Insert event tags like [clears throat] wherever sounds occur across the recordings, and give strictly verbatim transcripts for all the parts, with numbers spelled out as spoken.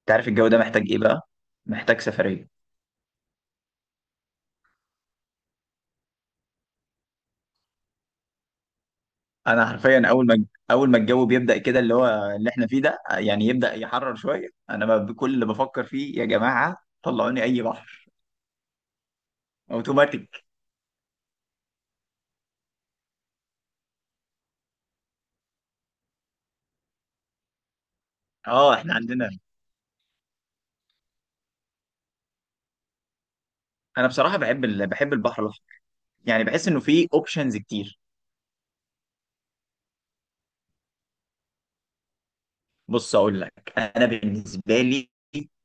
انت عارف الجو ده محتاج ايه بقى؟ محتاج سفريه. انا حرفيا اول ما اول ما الجو بيبدا كده، اللي هو اللي احنا فيه ده، يعني يبدا يحرر شويه. انا ما بكل اللي بفكر فيه يا جماعه، طلعوني اي بحر اوتوماتيك. اه احنا عندنا. انا بصراحه بحب ال... بحب البحر الاحمر، يعني بحس انه فيه اوبشنز كتير. بص اقول لك، انا بالنسبه لي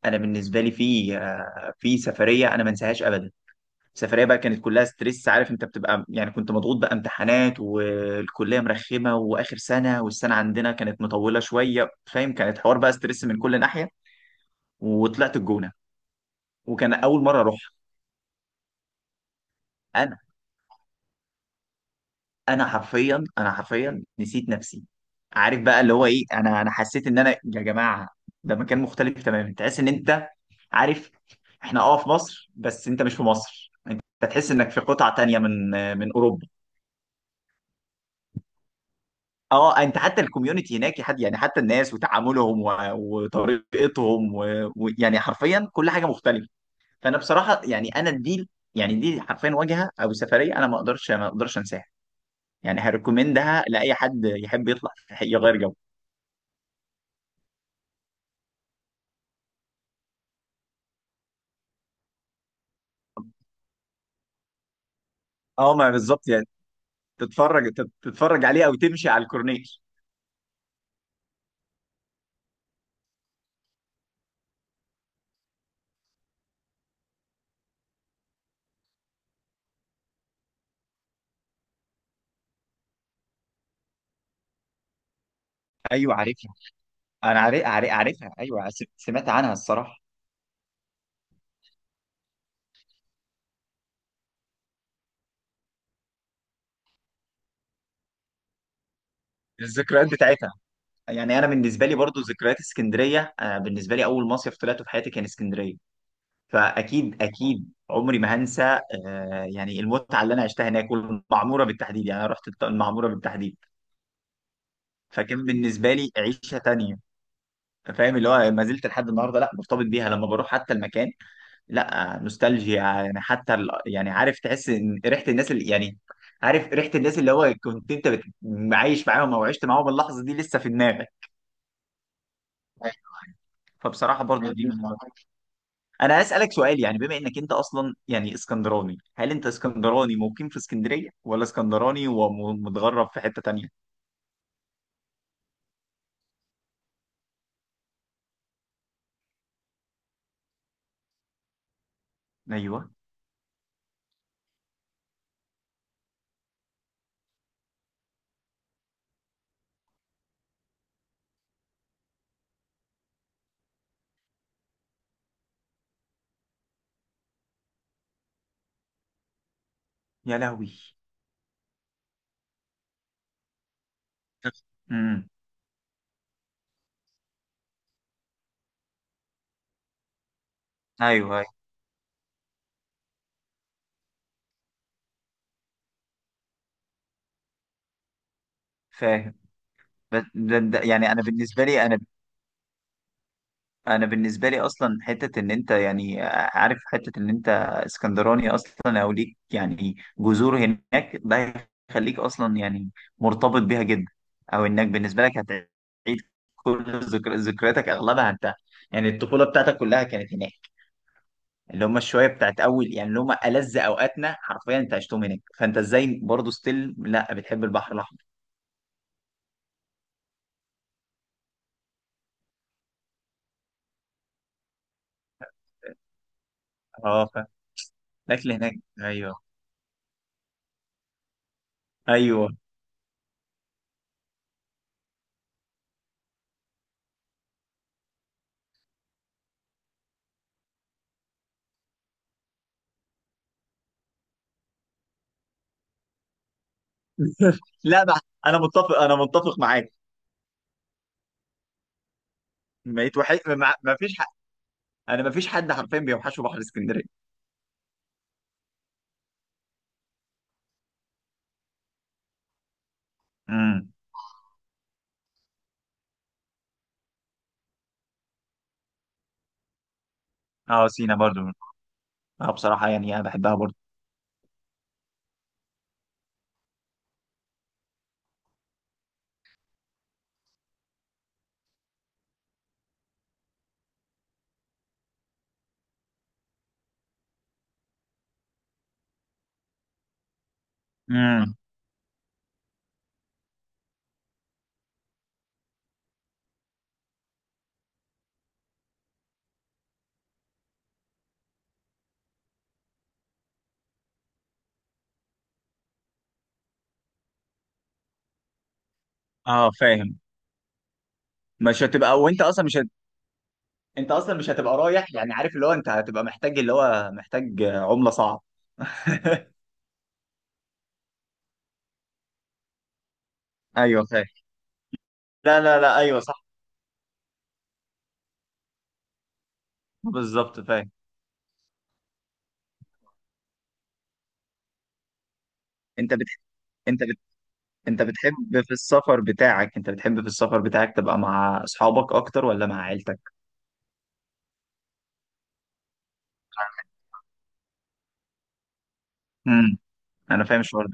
انا بالنسبه لي في آه، في سفريه انا ما انساهاش ابدا. السفريه بقى كانت كلها ستريس، عارف انت بتبقى، يعني كنت مضغوط بقى، امتحانات والكليه مرخمه واخر سنه والسنه عندنا كانت مطوله شويه، فاهم؟ كانت حوار بقى ستريس من كل ناحيه. وطلعت الجونه، وكان اول مره اروح. انا انا حرفيا انا حرفيا نسيت نفسي. عارف بقى اللي هو ايه، انا انا حسيت ان انا يا جماعه ده مكان مختلف تماما. تحس ان انت، عارف، احنا اه في مصر بس انت مش في مصر. انت تحس انك في قطعه تانيه من من اوروبا. اه انت حتى الكوميونتي هناك، حد يعني حتى الناس وتعاملهم و- وطريقتهم و- ويعني حرفيا كل حاجه مختلفه. فانا بصراحه يعني انا دي، يعني دي حرفيا واجهه او سفريه انا ما اقدرش ما اقدرش انساها. يعني هريكومندها لاي حد يحب يطلع [laughs] يغير جو. اه ما بالظبط يعني. تتفرج تت- تتفرج عليه او تمشي على الكورنيش. ايوه عارفها. انا عارف عارف- عارفها، ايوه، س- سمعت عنها الصراحه. الذكريات بتاعتها، يعني انا بالنسبه لي برضو ذكريات اسكندريه، آه، بالنسبه لي اول مصيف طلعته في حياتي كان اسكندريه. فاكيد اكيد عمري ما هنسى. آه، يعني المتعه اللي انا عشتها هناك، والمعموره بالتحديد، يعني انا رحت الط- المعموره بالتحديد. فكان بالنسبه لي عيشه تانية. فاهم اللي هو ما زلت لحد النهارده لا مرتبط بيها، لما بروح حتى المكان، لا آه، نوستالجيا، يعني حتى ال- يعني عارف، تحس ان ريحه الناس اللي يعني، عارف ريحه الناس، اللي هو كنت انت بت- عايش معاهم او عشت معاهم، اللحظه دي لسه في دماغك. فبصراحه برضو دي. انا هسألك سؤال، يعني بما انك انت اصلا يعني اسكندراني، هل انت اسكندراني مقيم في اسكندرية ولا اسكندراني ومتغرب في حتة تانية؟ ايوه. يا لهوي. امم. ايوه أيوة. فاهم. بس- ده- ده- يعني انا بالنسبة لي انا، انا بالنسبه لي اصلا حته ان انت يعني عارف، حته ان انت اسكندراني اصلا او ليك يعني جذور هناك، ده هيخليك اصلا يعني مرتبط بيها جدا. او انك بالنسبه لك هتعيد كل ذكر... ذكرياتك اغلبها انت، يعني الطفوله بتاعتك كلها كانت هناك، اللي هم الشويه بتاعت اول، يعني اللي هم ألذ اوقاتنا حرفيا انت عشتهم هناك. فانت ازاي برضه ستيل لا بتحب البحر الاحمر؟ اه فالاكل هناك. ايوه. ايوه. [laughs] لا بقى. انا متفق انا متفق معاك. بقيت وحي... ما ما فيش حد، انا ما فيش حد حرفيا بيوحشه بحر اسكندريه. امم. اه سينا برضو. اه بصراحة يعني انا بحبها برضو. امم. اه فاهم. مش هتبقى وانت اصلا مش هت... انت اصلا مش هتبقى رايح، يعني عارف اللي هو انت هتبقى محتاج اللي هو محتاج عمله صعب. [laughs] ايوه فاهم. لا لا لا، ايوه صح. بالظبط فاهم. انت بتح... انت بت... انت بتحب في السفر بتاعك، انت بتحب في السفر بتاعك تبقى مع اصحابك اكتر ولا مع عيلتك؟ امم. انا فاهم الشعور.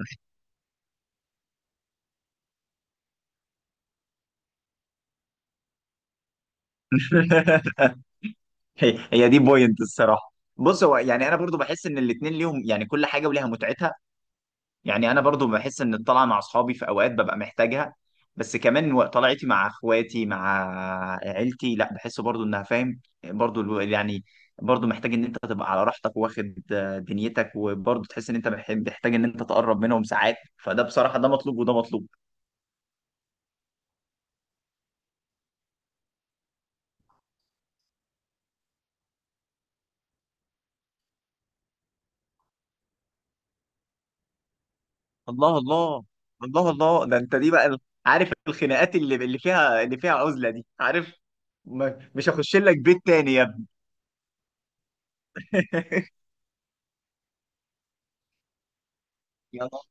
ده [laughs] هي هي دي بوينت الصراحه. بص هو يعني انا برضو بحس ان الاتنين ليهم، يعني كل حاجه وليها متعتها. يعني انا برضو بحس ان الطلعه مع اصحابي في اوقات ببقى محتاجها، بس كمان و- طلعتي مع اخواتي مع عيلتي، لا بحس برضو انها فاهم برضو الو- يعني برضو محتاج ان انت تبقى على راحتك واخد آه، دنيتك، وبرضو تحس ان انت بح- محتاج ان انت تقرب منهم ساعات. فده بصراحه ده مطلوب وده مطلوب. الله الله. الله الله. ده انت دي بقى ال- عارف الخناقات اللي اللي فيها، اللي فيها عزله دي، عارف. ما- مش هخش لك بيت تاني يا ابني. [laughs] يا نهار،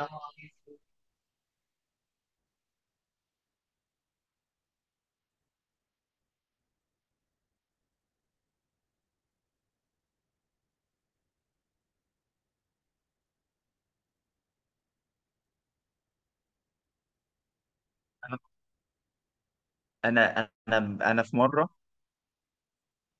يا نهار أبيض. انا انا انا في مره،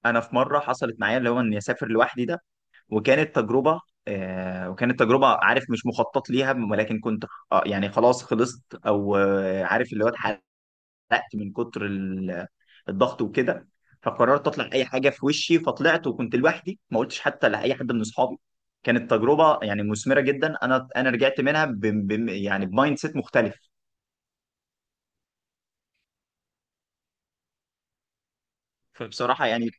انا في مره حصلت معايا اللي هو اني اسافر لوحدي ده، وكانت تجربه. آه وكانت تجربه، عارف مش مخطط ليها، ولكن كنت، آه يعني خلاص خلصت او آه عارف اللي هو اتحرقت من كتر ال- الضغط وكده، فقررت اطلع اي حاجه في وشي فطلعت، وكنت لوحدي ما قلتش حتى لاي حد من اصحابي. كانت تجربه يعني مثمره جدا، انا انا رجعت منها ب ب يعني بمايند سيت مختلف. فبصراحة يعني.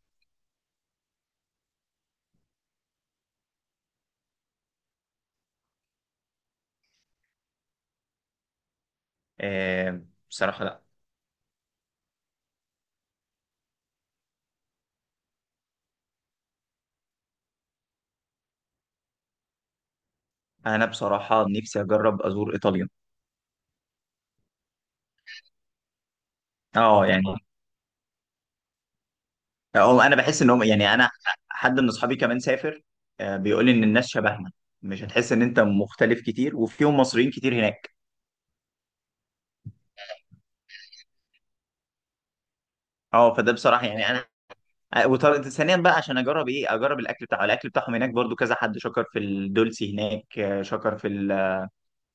آه بصراحة لا. أنا بصراحة نفسي أجرب أزور إيطاليا. أه يعني، أو أنا بحس إن هم يعني أنا، حد من أصحابي كمان سافر، آه بيقول لي إن الناس شبهنا، مش هتحس إن أنت مختلف كتير، وفيهم مصريين كتير هناك. أه فده بصراحة يعني أنا، آه، وطر- ثانيا بقى عشان أجرب إيه، أجرب الأكل بتاعه، الأكل بتاعهم هناك، برضو كذا حد شكر في الدولسي هناك، آه، شكر في ال-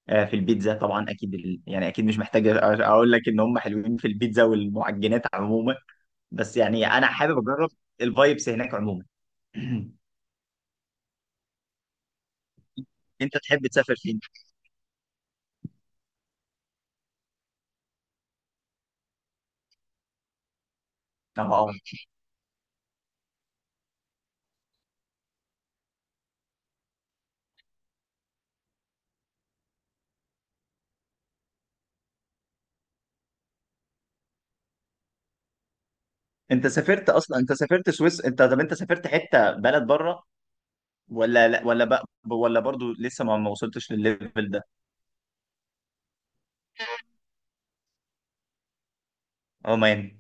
آه، في البيتزا طبعا، أكيد ال- يعني أكيد مش محتاج أقول لك إن هم حلوين في البيتزا والمعجنات عموما. بس يعني انا حابب اجرب الفايبس هناك عموما. [clears throat] انت تحب تسافر فين؟ اه انت سافرت اصلا، انت سافرت سويس انت طب انت سافرت حته بلد بره ولا لا ولا بقى، ولا برضو لسه ما ما وصلتش للليفل ده؟ عمان.